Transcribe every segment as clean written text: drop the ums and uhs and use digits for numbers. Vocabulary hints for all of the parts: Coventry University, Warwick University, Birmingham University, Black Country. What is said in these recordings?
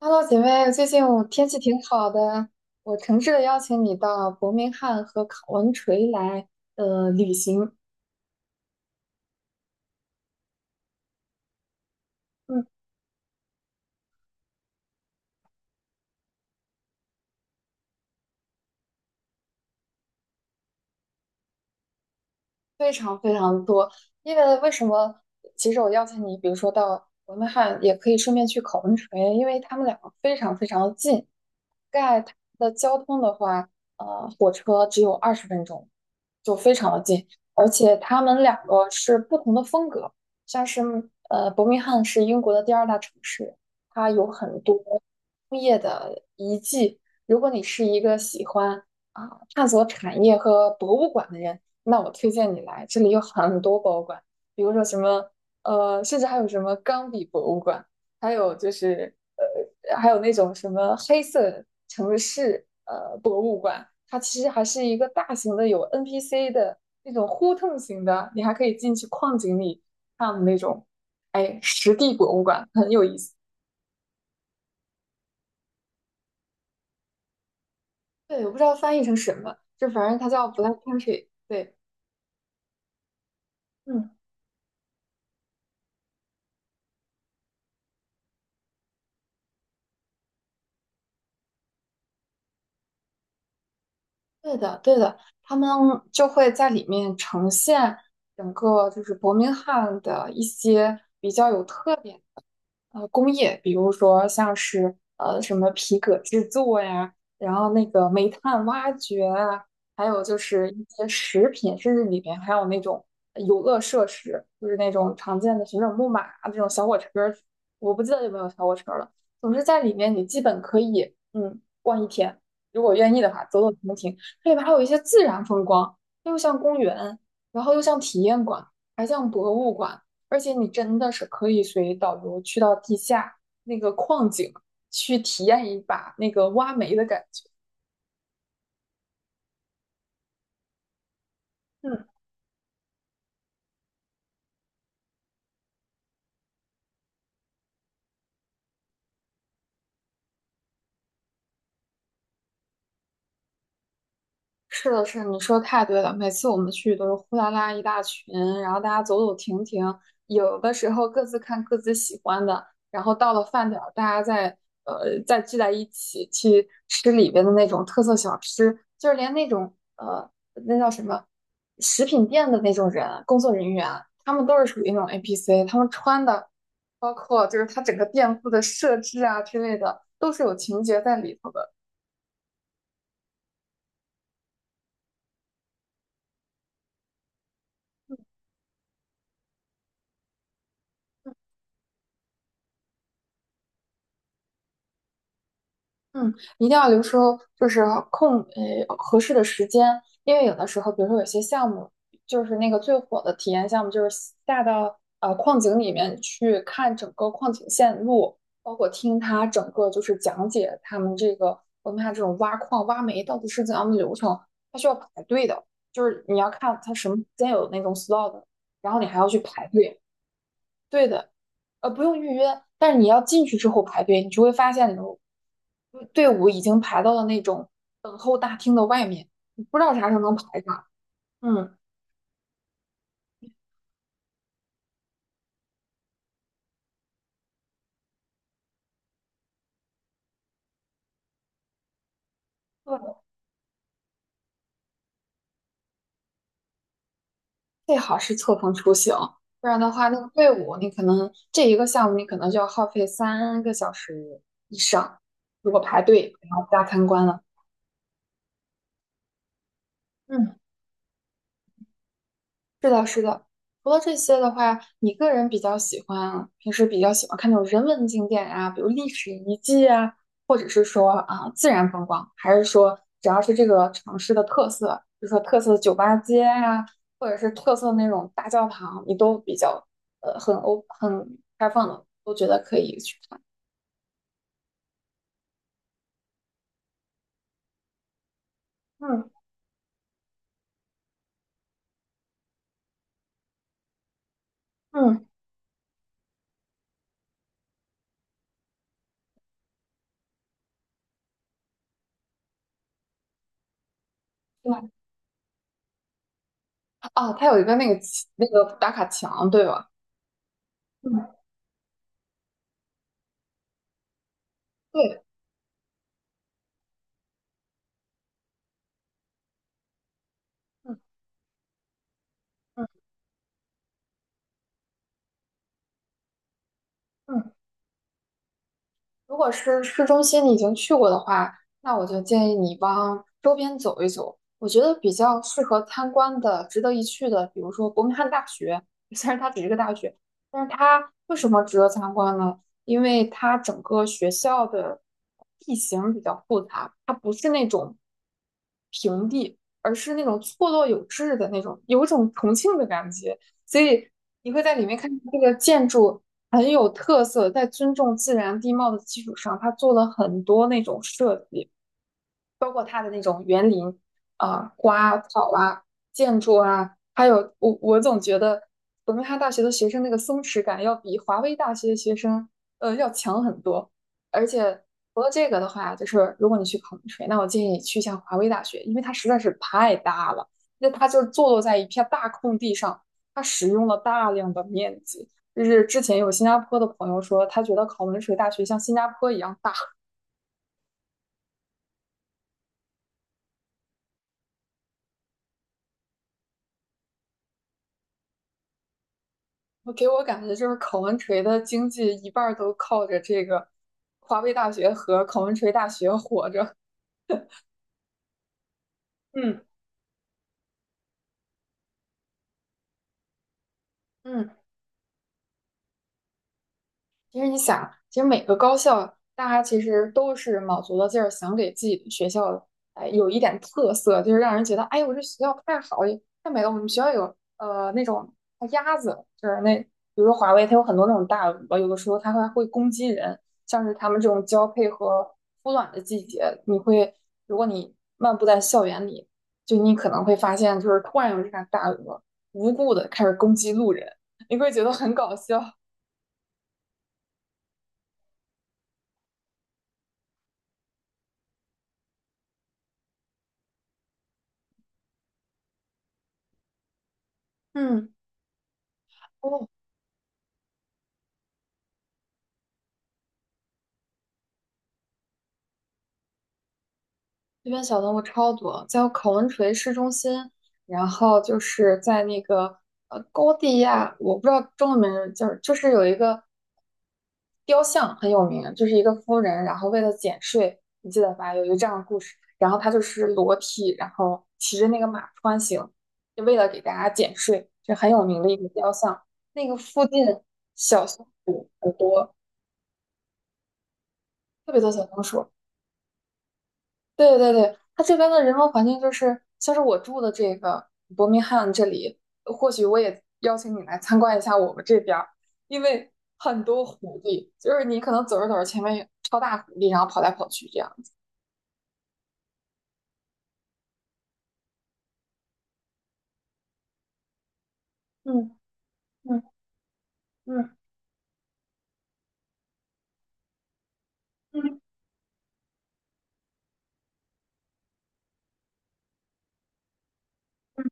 Hello，姐妹，最近我天气挺好的，我诚挚的邀请你到伯明翰和考文垂来旅行。嗯，非常非常多，因为为什么？其实我邀请你，比如说到伯明翰，也可以顺便去考文垂，因为他们两个非常非常的近。盖它的交通的话，火车只有20分钟，就非常的近。而且他们两个是不同的风格，像是伯明翰是英国的第二大城市，它有很多工业的遗迹。如果你是一个喜欢探索产业和博物馆的人，那我推荐你来，这里有很多博物馆，比如说什么，甚至还有什么钢笔博物馆，还有就是还有那种什么黑色城市博物馆，它其实还是一个大型的有 NPC 的那种互动型的，你还可以进去矿井里看的那种，哎，实地博物馆很有意思。对，我不知道翻译成什么，就反正它叫 Black Country。对，嗯。对的，对的，他们就会在里面呈现整个就是伯明翰的一些比较有特点。工业，比如说像是什么皮革制作呀，然后那个煤炭挖掘啊，还有就是一些食品，甚至里面还有那种游乐设施，就是那种常见的旋转木马啊这种小火车儿我不记得有没有小火车了。总之在里面你基本可以逛一天，如果愿意的话，走走停停。这里边还有一些自然风光，又像公园，然后又像体验馆，还像博物馆。而且你真的是可以随导游去到地下那个矿井去体验一把那个挖煤的感觉。嗯。是的，是的你说太对了。每次我们去都是呼啦啦一大群，然后大家走走停停，有的时候各自看各自喜欢的，然后到了饭点儿，大家再再聚在一起去吃里边的那种特色小吃，就是连那种那叫什么食品店的那种人，工作人员，他们都是属于那种 APC 他们穿的，包括就是他整个店铺的设置啊之类的，都是有情节在里头的。嗯，一定要留出就是空合适的时间，因为有的时候，比如说有些项目，就是那个最火的体验项目，就是下到矿井里面去看整个矿井线路，包括听他整个就是讲解他们这个我们看这种挖矿挖煤到底是怎样的流程，它需要排队的，就是你要看它什么时间有那种 slot,然后你还要去排队。对的，不用预约，但是你要进去之后排队，你就会发现你的队伍已经排到了那种等候大厅的外面，你不知道啥时候能排上。嗯，对，最好是错峰出行，不然的话，那个队伍你可能这一个项目你可能就要耗费3个小时以上，如果排队然后加参观了。嗯。是的，是的。除了这些的话，你个人比较喜欢，平时比较喜欢看那种人文景点啊，比如历史遗迹啊，或者是说啊、自然风光，还是说只要是这个城市的特色，比如说特色的酒吧街呀、或者是特色的那种大教堂，你都比较很欧很开放的，都觉得可以去看。嗯嗯，对啊，它有一个那个那个打卡墙，对吧？嗯，对，嗯嗯嗯。如果是市中心你已经去过的话，那我就建议你往周边走一走。我觉得比较适合参观的、值得一去的，比如说伯明翰大学，虽然它只是个大学，但是它为什么值得参观呢？因为它整个学校的地形比较复杂，它不是那种平地，而是那种错落有致的那种，有一种重庆的感觉。所以你会在里面看到这个建筑。很有特色，在尊重自然地貌的基础上，他做了很多那种设计。啊、花啊、草啊、建筑啊，还有我总觉得伯明翰大学的学生那个松弛感要比华威大学的学生要强很多。而且除了这个的话，就是如果你去考文吹，那我建议你去一下华威大学，因为它实在是太大了，那它就坐落在一片大空地上，它使用了大量的面积。就是之前有新加坡的朋友说，他觉得考文垂大学像新加坡一样大。我感觉就是考文垂的经济一半儿都靠着这个华威大学和考文垂大学活着。嗯。嗯。其实你想，其实每个高校大家其实都是卯足了劲儿，想给自己的学校哎有一点特色，就是让人觉得哎，我这学校太好了太美了。我们学校有那种鸭子，就是那比如说华为，它有很多那种大鹅，有的时候它还会攻击人。像是它们这种交配和孵卵的季节，你会如果你漫步在校园里，就你可能会发现，就是突然有一只大鹅无故的开始攻击路人，你会觉得很搞笑。嗯。哦这边小动物超多，在考文垂市中心，然后就是在那个高地亚，我不知道中文名叫，就是有一个雕像很有名，就是一个夫人，然后为了减税，你记得吧？有一个这样的故事，然后她就是裸体，然后骑着那个马穿行，就为了给大家减税，就很有名的一个雕像。那个附近小松鼠很多，特别多小松鼠。对对对，它这边的人文环境就是，像是我住的这个伯明翰这里，或许我也邀请你来参观一下我们这边儿，因为很多狐狸，就是你可能走着走着前面有超大狐狸，然后跑来跑去这样子。嗯嗯嗯嗯嗯，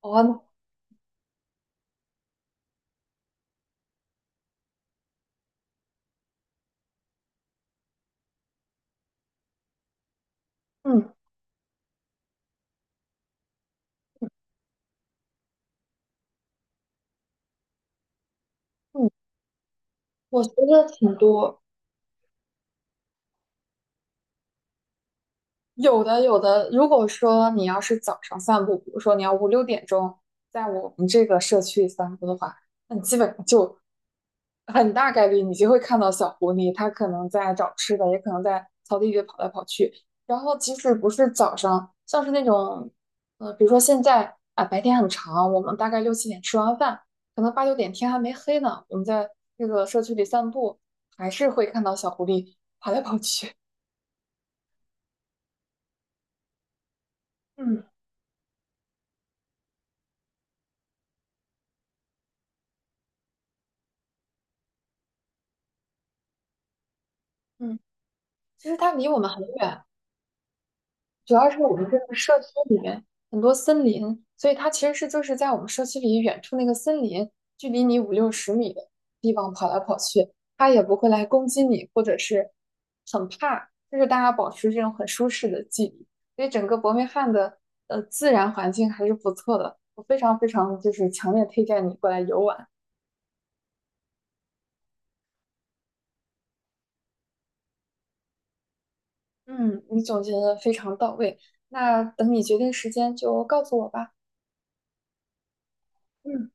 好玩嗯嗯，我觉得挺多。有的有的，如果说你要是早上散步，比如说你要5、6点钟在我们这个社区散步的话，那你基本上就很大概率你就会看到小狐狸，它可能在找吃的，也可能在草地里跑来跑去。然后即使不是早上，像是那种，比如说现在啊，白天很长，我们大概6、7点吃完饭，可能8、9点天还没黑呢，我们在这个社区里散步，还是会看到小狐狸跑来跑去。嗯嗯。其实它离我们很远，主要是我们这个社区里面很多森林，所以它其实是就是在我们社区里远处那个森林，距离你50、60米的地方跑来跑去，它也不会来攻击你，或者是很怕，就是大家保持这种很舒适的距离，所以整个伯明翰的自然环境还是不错的，我非常非常就是强烈推荐你过来游玩。嗯，你总结的非常到位，那等你决定时间就告诉我吧。嗯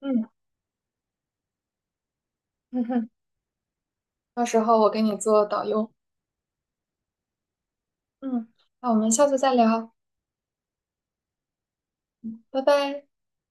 嗯。嗯哼。到时候我给你做导游。嗯，那我们下次再聊，拜拜。